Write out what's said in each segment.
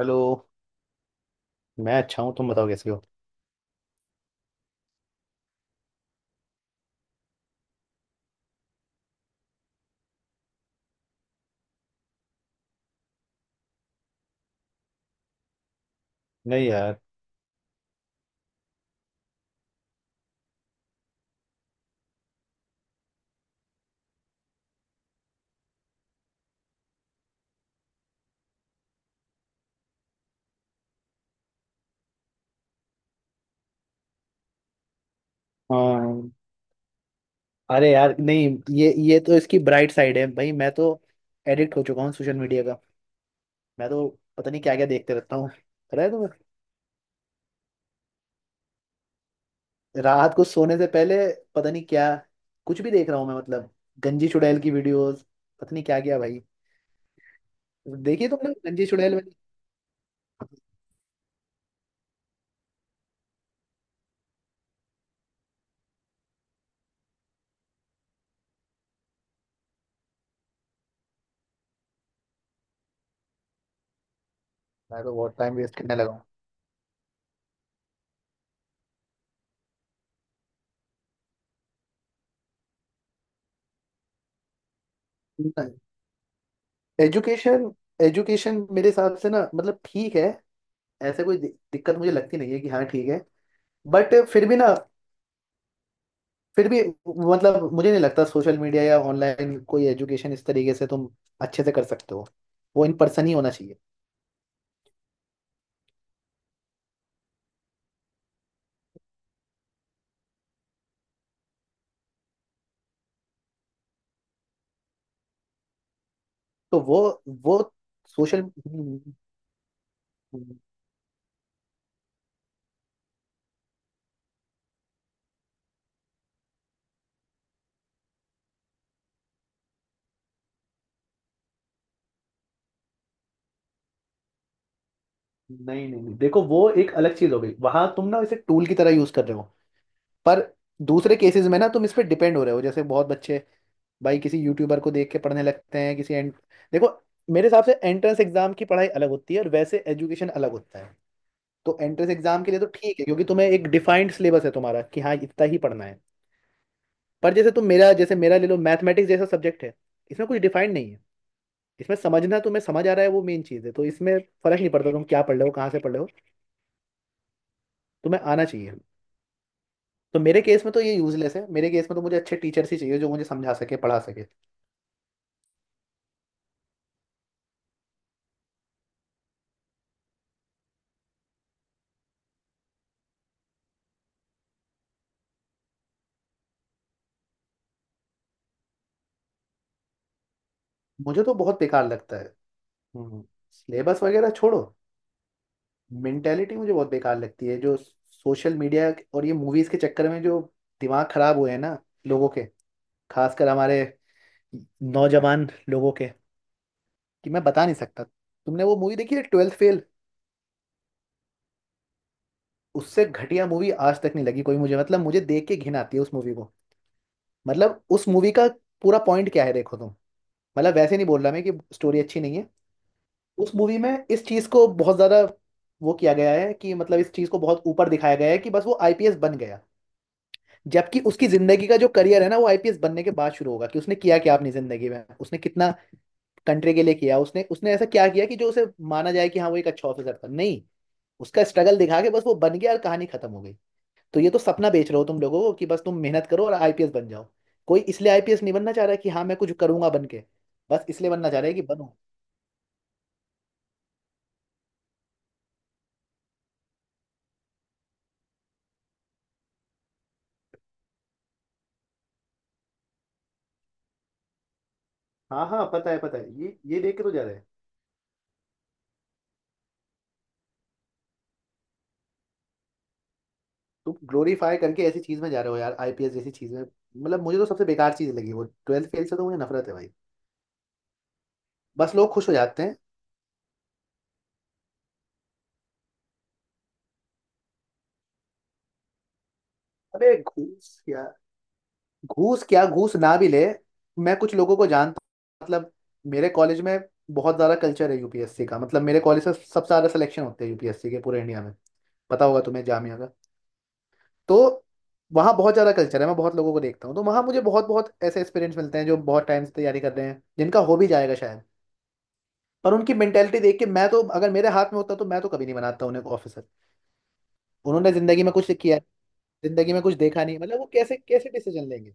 Hello. मैं अच्छा हूँ, तुम बताओ कैसे हो। नहीं यार। हाँ। अरे यार नहीं, ये तो इसकी ब्राइट साइड है भाई। मैं तो एडिक्ट हो चुका हूँ सोशल मीडिया का। मैं तो पता नहीं क्या क्या देखते रहता हूँ। पता है तुम्हें, रात को सोने से पहले पता नहीं क्या, कुछ भी देख रहा हूँ मैं। मतलब गंजी चुड़ैल की वीडियोस, पता नहीं क्या क्या भाई। देखिए, तुमने गंजी चुड़ैल वाली, मैं तो बहुत टाइम वेस्ट करने लगा हूँ। एजुकेशन, एजुकेशन मेरे हिसाब से ना, मतलब ठीक है। ऐसे कोई दिक्कत मुझे लगती नहीं है कि हाँ ठीक है। बट फिर भी ना, फिर भी मतलब मुझे नहीं लगता सोशल मीडिया या ऑनलाइन कोई एजुकेशन इस तरीके से तुम अच्छे से कर सकते हो। वो इन पर्सन ही होना चाहिए। तो वो सोशल नहीं। नहीं, देखो वो एक अलग चीज हो गई। वहां तुम ना इसे टूल की तरह यूज कर रहे हो। पर दूसरे केसेस में ना तुम इस पे डिपेंड हो रहे हो, जैसे बहुत बच्चे भाई किसी यूट्यूबर को देख के पढ़ने लगते हैं किसी एंड। देखो, मेरे हिसाब से एंट्रेंस एग्जाम की पढ़ाई अलग होती है और वैसे एजुकेशन अलग होता है। तो एंट्रेंस एग्जाम के लिए तो ठीक है, क्योंकि तुम्हें एक डिफाइंड सिलेबस है तुम्हारा कि हाँ इतना ही पढ़ना है। पर जैसे तुम मेरा, जैसे मेरा ले लो, मैथमेटिक्स जैसा सब्जेक्ट है। इसमें कुछ डिफाइंड नहीं है। इसमें समझना, तुम्हें समझ आ रहा है वो मेन चीज़ है। तो इसमें फर्क नहीं पड़ता तुम क्या पढ़ रहे हो, कहाँ से पढ़ रहे हो, तुम्हें आना चाहिए। तो मेरे केस में तो ये यूजलेस है। मेरे केस में तो मुझे अच्छे टीचर्स ही चाहिए जो मुझे समझा सके, पढ़ा सके। मुझे तो बहुत बेकार लगता है। हम्म। सिलेबस वगैरह छोड़ो, मेंटेलिटी मुझे बहुत बेकार लगती है, जो सोशल मीडिया और ये मूवीज के चक्कर में जो दिमाग खराब हुए हैं ना लोगों के, खासकर हमारे नौजवान लोगों के। कि मैं बता नहीं सकता, तुमने वो मूवी देखी है ट्वेल्थ फेल? उससे घटिया मूवी आज तक नहीं लगी कोई मुझे। मतलब मुझे देख के घिन आती है उस मूवी को। मतलब उस मूवी का पूरा पॉइंट क्या है, देखो तुम। मतलब वैसे नहीं बोल रहा मैं कि स्टोरी अच्छी नहीं है। उस मूवी में इस चीज को बहुत ज्यादा वो किया गया है, कि मतलब इस चीज को बहुत ऊपर दिखाया गया है कि बस वो आईपीएस बन गया। जबकि उसकी जिंदगी का जो करियर है ना, वो आईपीएस बनने के बाद शुरू होगा कि उसने किया क्या अपनी जिंदगी में, उसने कितना कंट्री के लिए किया, उसने उसने ऐसा क्या किया कि जो उसे माना जाए कि हाँ वो एक अच्छा ऑफिसर था। नहीं, उसका स्ट्रगल दिखा के बस वो बन गया और कहानी खत्म हो गई। तो ये तो सपना बेच रहे हो तुम लोगों को कि बस तुम मेहनत करो और आईपीएस बन जाओ। कोई इसलिए आईपीएस नहीं बनना चाह रहा कि हाँ मैं कुछ करूंगा बन के, बस इसलिए बनना चाह रहा है कि बनो। हाँ हाँ, पता है पता है, ये देख के तो जा रहा है। तुम ग्लोरीफाई करके ऐसी चीज में जा रहे हो यार, आईपीएस जैसी चीज में। मतलब मुझे तो सबसे बेकार चीज लगी वो, ट्वेल्थ फेल से तो मुझे नफरत है भाई। बस लोग खुश हो जाते हैं। अबे घूस यार, घूस क्या, घूस ना भी ले। मैं कुछ लोगों को जानता हूँ। मतलब मेरे कॉलेज में बहुत ज़्यादा कल्चर है यूपीएससी का। मतलब मेरे कॉलेज से सबसे ज़्यादा सिलेक्शन होते हैं यूपीएससी के पूरे इंडिया में। पता होगा तुम्हें, जामिया का। तो वहाँ बहुत ज़्यादा कल्चर है, मैं बहुत लोगों को देखता हूँ, तो वहाँ मुझे बहुत बहुत ऐसे एक्सपीरियंस मिलते हैं, जो बहुत टाइम से तैयारी कर रहे हैं, जिनका हो भी जाएगा शायद। पर उनकी मेंटेलिटी देख के, मैं तो अगर मेरे हाथ में होता तो मैं तो कभी नहीं बनाता उन्हें ऑफिसर। उन्होंने ज़िंदगी में कुछ किया है, ज़िंदगी में कुछ देखा नहीं, मतलब वो कैसे कैसे डिसीजन लेंगे।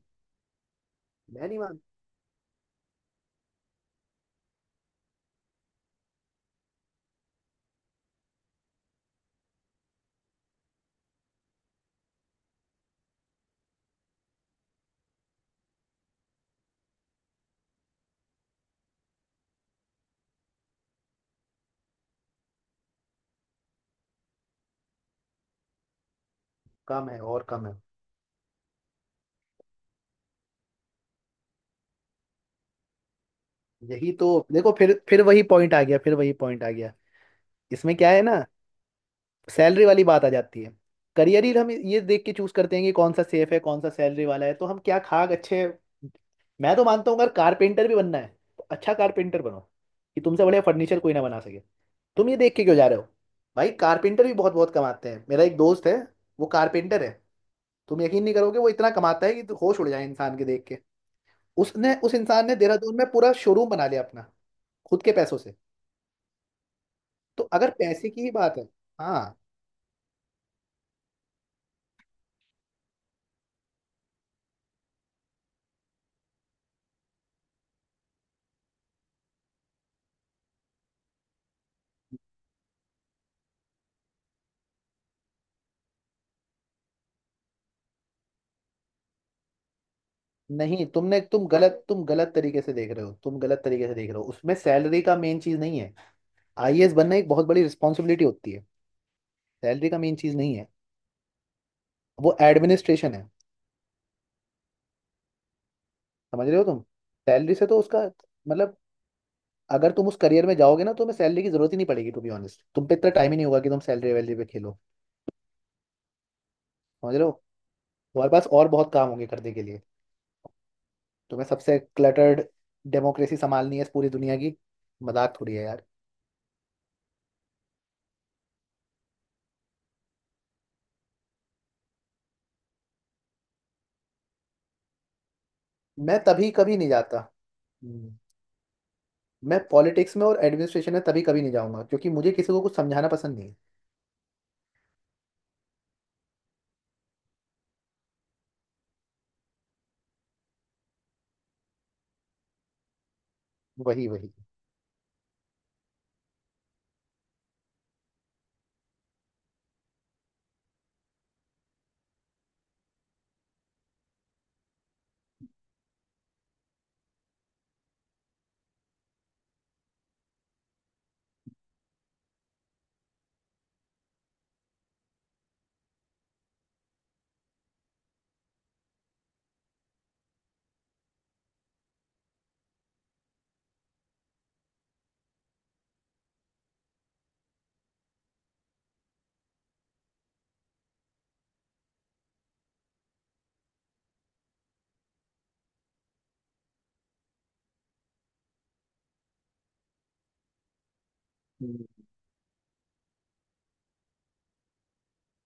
मैं नहीं मानता। कम है, और कम है। यही तो देखो, फिर वही पॉइंट आ गया, फिर वही पॉइंट आ गया। इसमें क्या है ना, सैलरी वाली बात आ जाती है। करियर ही हम ये देख के चूज करते हैं कि कौन सा सेफ है, कौन सा सैलरी वाला है। तो हम क्या खाक अच्छे। मैं तो मानता हूँ अगर कारपेंटर भी बनना है, तो अच्छा कारपेंटर बनो कि तुमसे बढ़िया फर्नीचर कोई ना बना सके। तुम ये देख के क्यों जा रहे हो? भाई कारपेंटर भी बहुत बहुत कमाते हैं। मेरा एक दोस्त है, वो कारपेंटर है। तुम यकीन नहीं करोगे, वो इतना कमाता है कि तो होश उड़ जाए इंसान के देख के। उसने, उस इंसान ने देहरादून में पूरा शोरूम बना लिया अपना, खुद के पैसों से। तो अगर पैसे की ही बात है, हाँ। नहीं तुमने तुम गलत तरीके से देख रहे हो, तुम गलत तरीके से देख रहे हो। उसमें सैलरी का मेन चीज नहीं है। आईएएस बनना एक बहुत बड़ी रिस्पॉन्सिबिलिटी होती है। सैलरी का मेन चीज नहीं है। वो एडमिनिस्ट्रेशन है, समझ रहे हो तुम। सैलरी से तो उसका मतलब, अगर तुम उस करियर में जाओगे ना, तो तुम्हें सैलरी की जरूरत ही नहीं पड़ेगी। टू बी ऑनेस्ट, तुम पे इतना टाइम ही नहीं होगा कि तुम सैलरी वैलरी पे खेलो, समझ रहे हो। तुम्हारे पास और बहुत काम होंगे करने के लिए। तुम्हें सबसे क्लटर्ड डेमोक्रेसी संभालनी है इस पूरी दुनिया की। मजाक थोड़ी है यार। मैं तभी कभी नहीं जाता। हम्म। मैं पॉलिटिक्स में और एडमिनिस्ट्रेशन में तभी कभी नहीं जाऊंगा, क्योंकि मुझे किसी को कुछ समझाना पसंद नहीं है। वही वही। हम्म।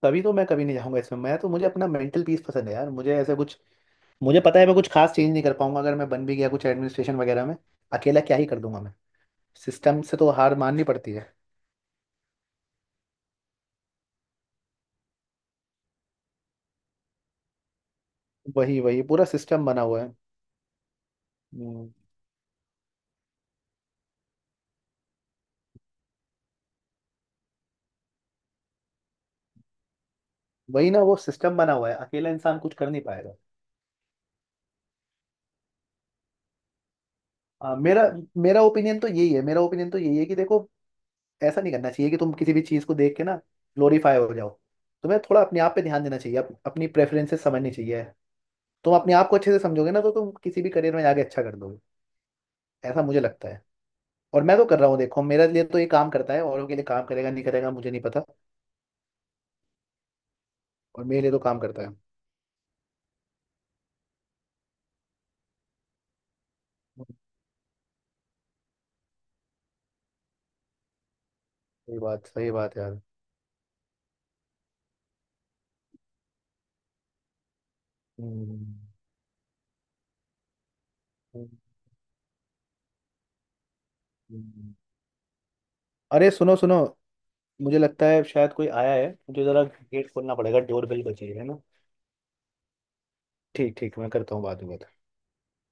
तभी तो मैं कभी नहीं जाऊंगा इसमें। मैं तो, मुझे अपना मेंटल पीस पसंद है यार, मुझे ऐसे कुछ, मुझे पता है मैं कुछ खास चेंज नहीं कर पाऊंगा अगर मैं बन भी गया कुछ एडमिनिस्ट्रेशन वगैरह में। अकेला क्या ही कर दूंगा मैं। सिस्टम से तो हार माननी पड़ती है। वही वही, पूरा सिस्टम बना हुआ है। हम्म। वही ना, वो सिस्टम बना हुआ है, अकेला इंसान कुछ कर नहीं पाएगा। मेरा मेरा ओपिनियन तो यही है, मेरा ओपिनियन तो यही है कि देखो, ऐसा नहीं करना चाहिए कि तुम किसी भी चीज़ को देख के ना ग्लोरीफाई हो जाओ। तुम्हें थोड़ा अपने आप पे ध्यान देना चाहिए, अपनी प्रेफरेंसेस समझनी चाहिए। तुम अपने आप को अच्छे से समझोगे ना, तो तुम किसी भी करियर में आगे अच्छा कर दोगे, ऐसा मुझे लगता है। और मैं तो कर रहा हूँ, देखो मेरे लिए तो ये काम करता है, औरों के लिए काम करेगा नहीं करेगा मुझे नहीं पता। और मेरे लिए तो काम करता है। सही बात, सही बात यार। हम्म, हम्म, हम्म। अरे सुनो सुनो, मुझे लगता है शायद कोई आया है, मुझे जरा गेट खोलना पड़ेगा, डोर बेल बजी है ना। ठीक ठीक, मैं करता हूँ बाद में बात।